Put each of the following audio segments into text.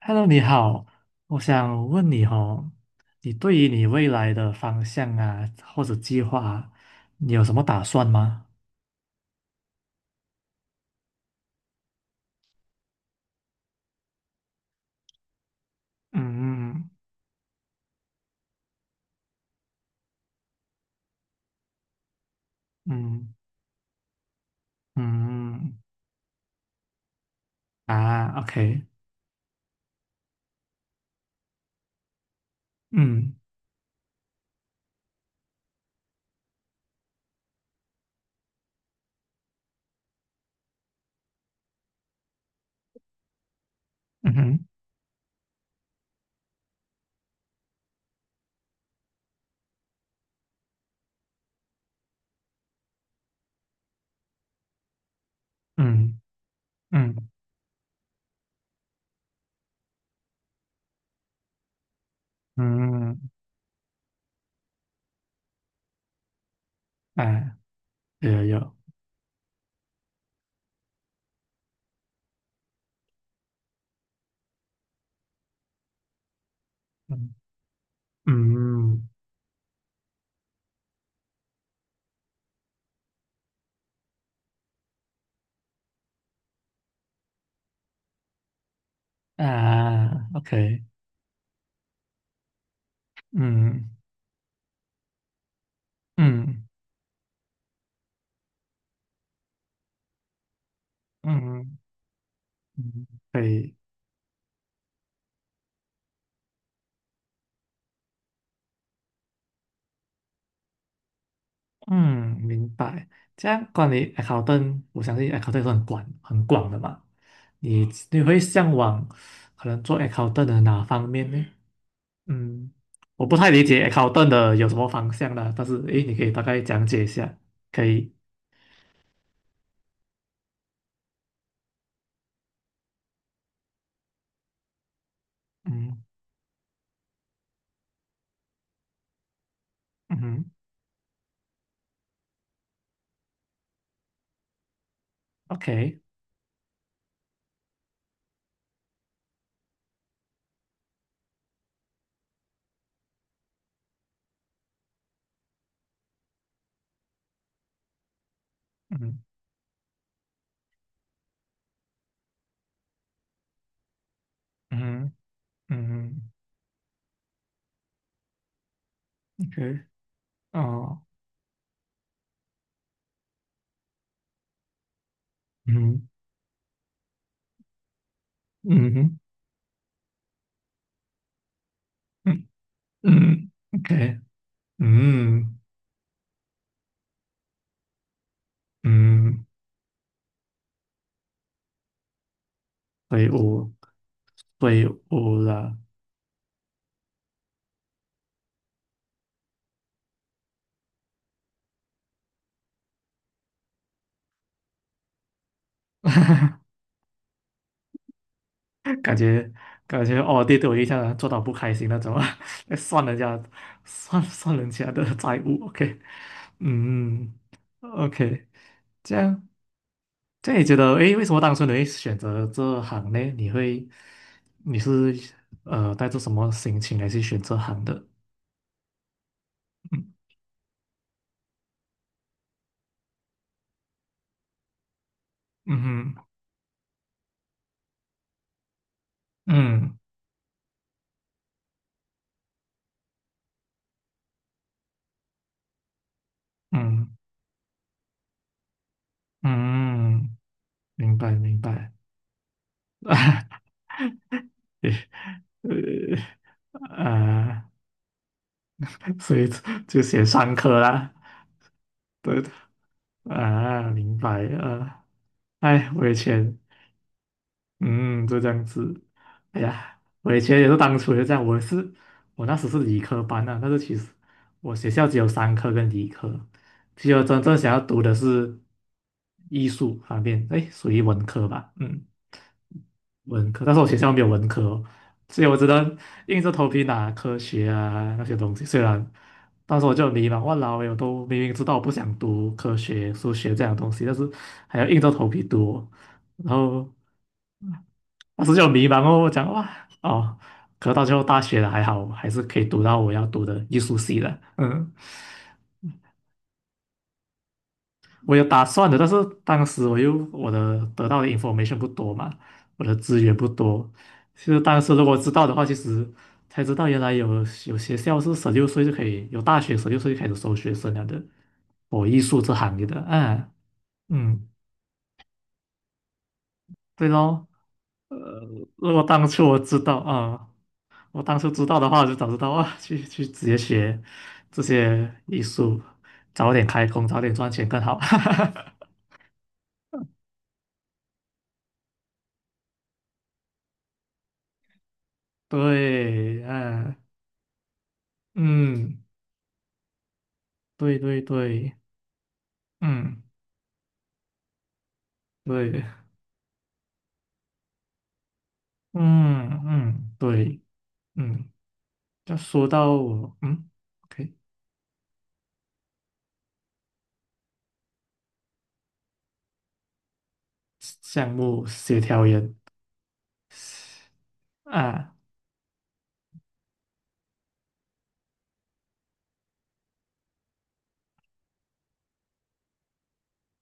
Hello，你好，我想问你哦，你对于你未来的方向啊，或者计划啊，你有什么打算吗？嗯。嗯。嗯。啊，OK。嗯。嗯哼。嗯。嗯。嗯。啊，有有有。嗯。嗯。啊，OK。嗯。嗯。嗯。嗯，可以。嗯，明白。这样关于 accountant，我相信 accountant 是很广很广的嘛。你会向往可能做 a c c o u n t 的哪方面呢？嗯，我不太理解 a c c o u n t 的有什么方向啦，但是诶，你可以大概讲解一下，可以。嗯。嗯哼。OK。嗯。嗯。嗯。嗯哼。OK。哦。嗯。嗯哼。嗯。嗯。OK。嗯。嗯。所以我所以我感觉感觉哦，对对，我印象做到不开心那种啊。算人家算人家的债务，OK。嗯。OK。这样这样你觉得，诶，为什么当初你会选择这行呢？你是带着什么心情来去选这行的？嗯。嗯哼。嗯。嗯。嗯，明白明白。 对啊，所以就写上课啦。对，啊，明白，啊！哎，我以前，嗯，就这样子。哎呀，我以前也是，当初也这样，我也是。我那时是理科班啊，但是其实我学校只有三科跟理科。其实我真正想要读的是艺术方面，哎，属于文科吧，嗯，文科。但是我学校没有文科哦，所以我只能硬着头皮拿科学啊那些东西。虽然当时我就很迷茫，哇老，我都明明知道我不想读科学、数学这样的东西，但是还要硬着头皮读哦。然后当时就很迷茫哦，我讲哇。哦，可是到最后大学了还好，还是可以读到我要读的艺术系的。嗯，我有打算的，但是当时我得到的 information 不多嘛，我的资源不多。其实当时如果知道的话，其实才知道原来有学校是十六岁就可以，有大学十六岁就开始收学生了的，我艺术这行业的。嗯。嗯。对咯，呃，如果当初我知道啊，我当初知道的话，我就早知道啊，去直接学这些艺术，早点开工，早点赚钱更好。对。嗯。嗯，对对对。嗯。对。嗯。嗯，对。嗯，要说到我，嗯，OK，项目协调员啊。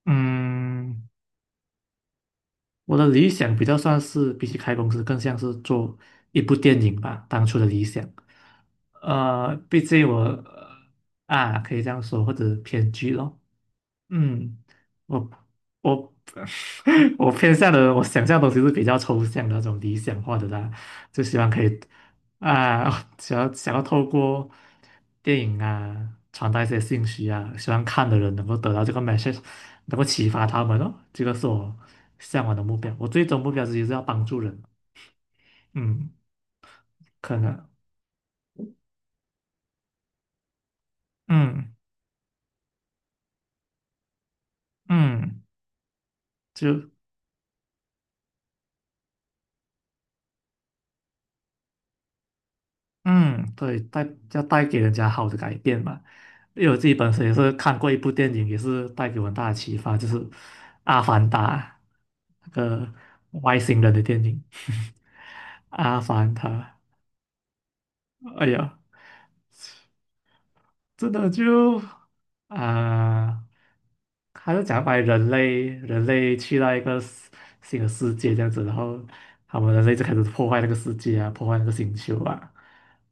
嗯。我的理想比较算是比起开公司，更像是做一部电影吧，当初的理想。毕竟我啊，可以这样说，或者偏剧咯。嗯，我我 我偏向的，我想象的东西是比较抽象的那种理想化的啦，就希望可以啊，想要透过电影啊传达一些信息啊，希望看的人能够得到这个 message，能够启发他们哦，这个是我向往的目标。我最终目标其实是要帮助人。嗯。可能。嗯。嗯。就。嗯，对，要带给人家好的改变嘛。因为我自己本身也是看过一部电影，也是带给我很大的启发，就是《阿凡达》那个外星人的电影。《阿凡达》。哎呀，真的就啊、还是讲把人类去到一个新的世界这样子。然后他们人类就开始破坏那个世界啊，破坏那个星球啊，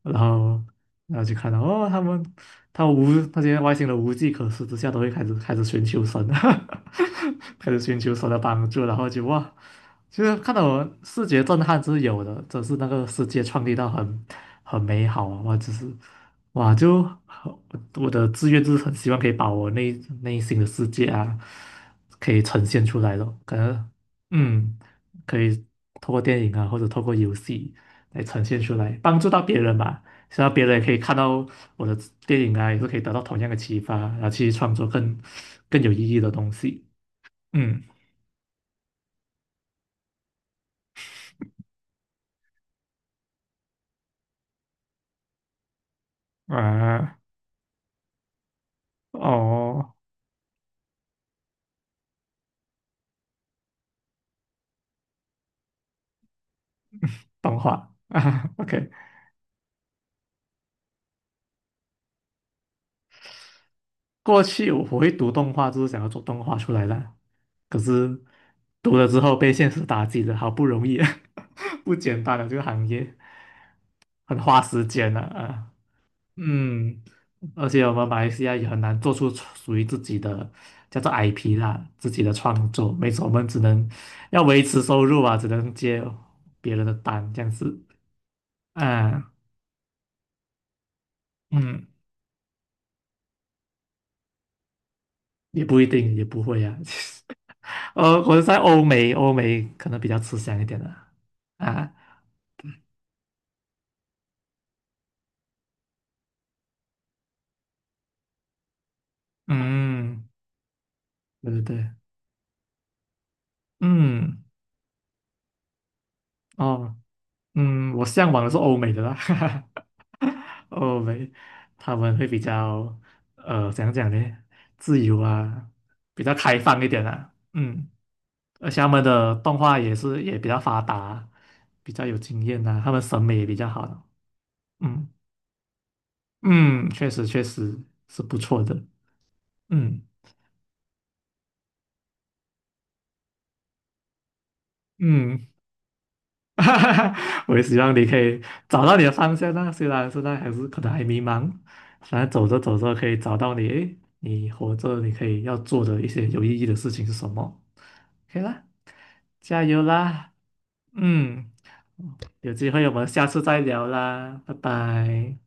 然后然后就看到哦，他们他无那些外星人无计可施之下，都会开始寻求神啊，开始寻求神的帮助，然后就哇。其实看到我视觉震撼是有的，只是那个世界创立到很美好啊。我只是哇，就很，我的志愿就是很希望可以把我内心的世界啊，可以呈现出来咯。可能嗯，可以透过电影啊，或者透过游戏来呈现出来，帮助到别人吧，希望别人也可以看到我的电影啊，也是可以得到同样的启发，然后去创作更有意义的东西。嗯。啊。哦，动画啊 ，OK。过去我会读动画，就是想要做动画出来的，可是读了之后被现实打击的，好不容易。不简单的这个行业，很花时间的啊。嗯，而且我们马来西亚也很难做出属于自己的叫做 IP 啦，自己的创作，没错，我们只能要维持收入啊，只能接别人的单这样子。啊。嗯。也不一定，也不会啊。我是在欧美，欧美可能比较吃香一点的啊。嗯，对对对。嗯。哦。嗯，我向往的是欧美的啦。哈哈，欧美他们会比较怎样讲呢？自由啊，比较开放一点啊。嗯，而且他们的动画也比较发达，比较有经验呐、他们审美也比较好。嗯。嗯，确实确实是不错的。嗯。嗯。哈哈哈，我也希望你可以找到你的方向啊，虽然现在还是可能还迷茫，反正走着走着可以找到你，诶，你活着你可以要做的一些有意义的事情是什么，可以啦，加油啦。嗯，有机会我们下次再聊啦，拜拜。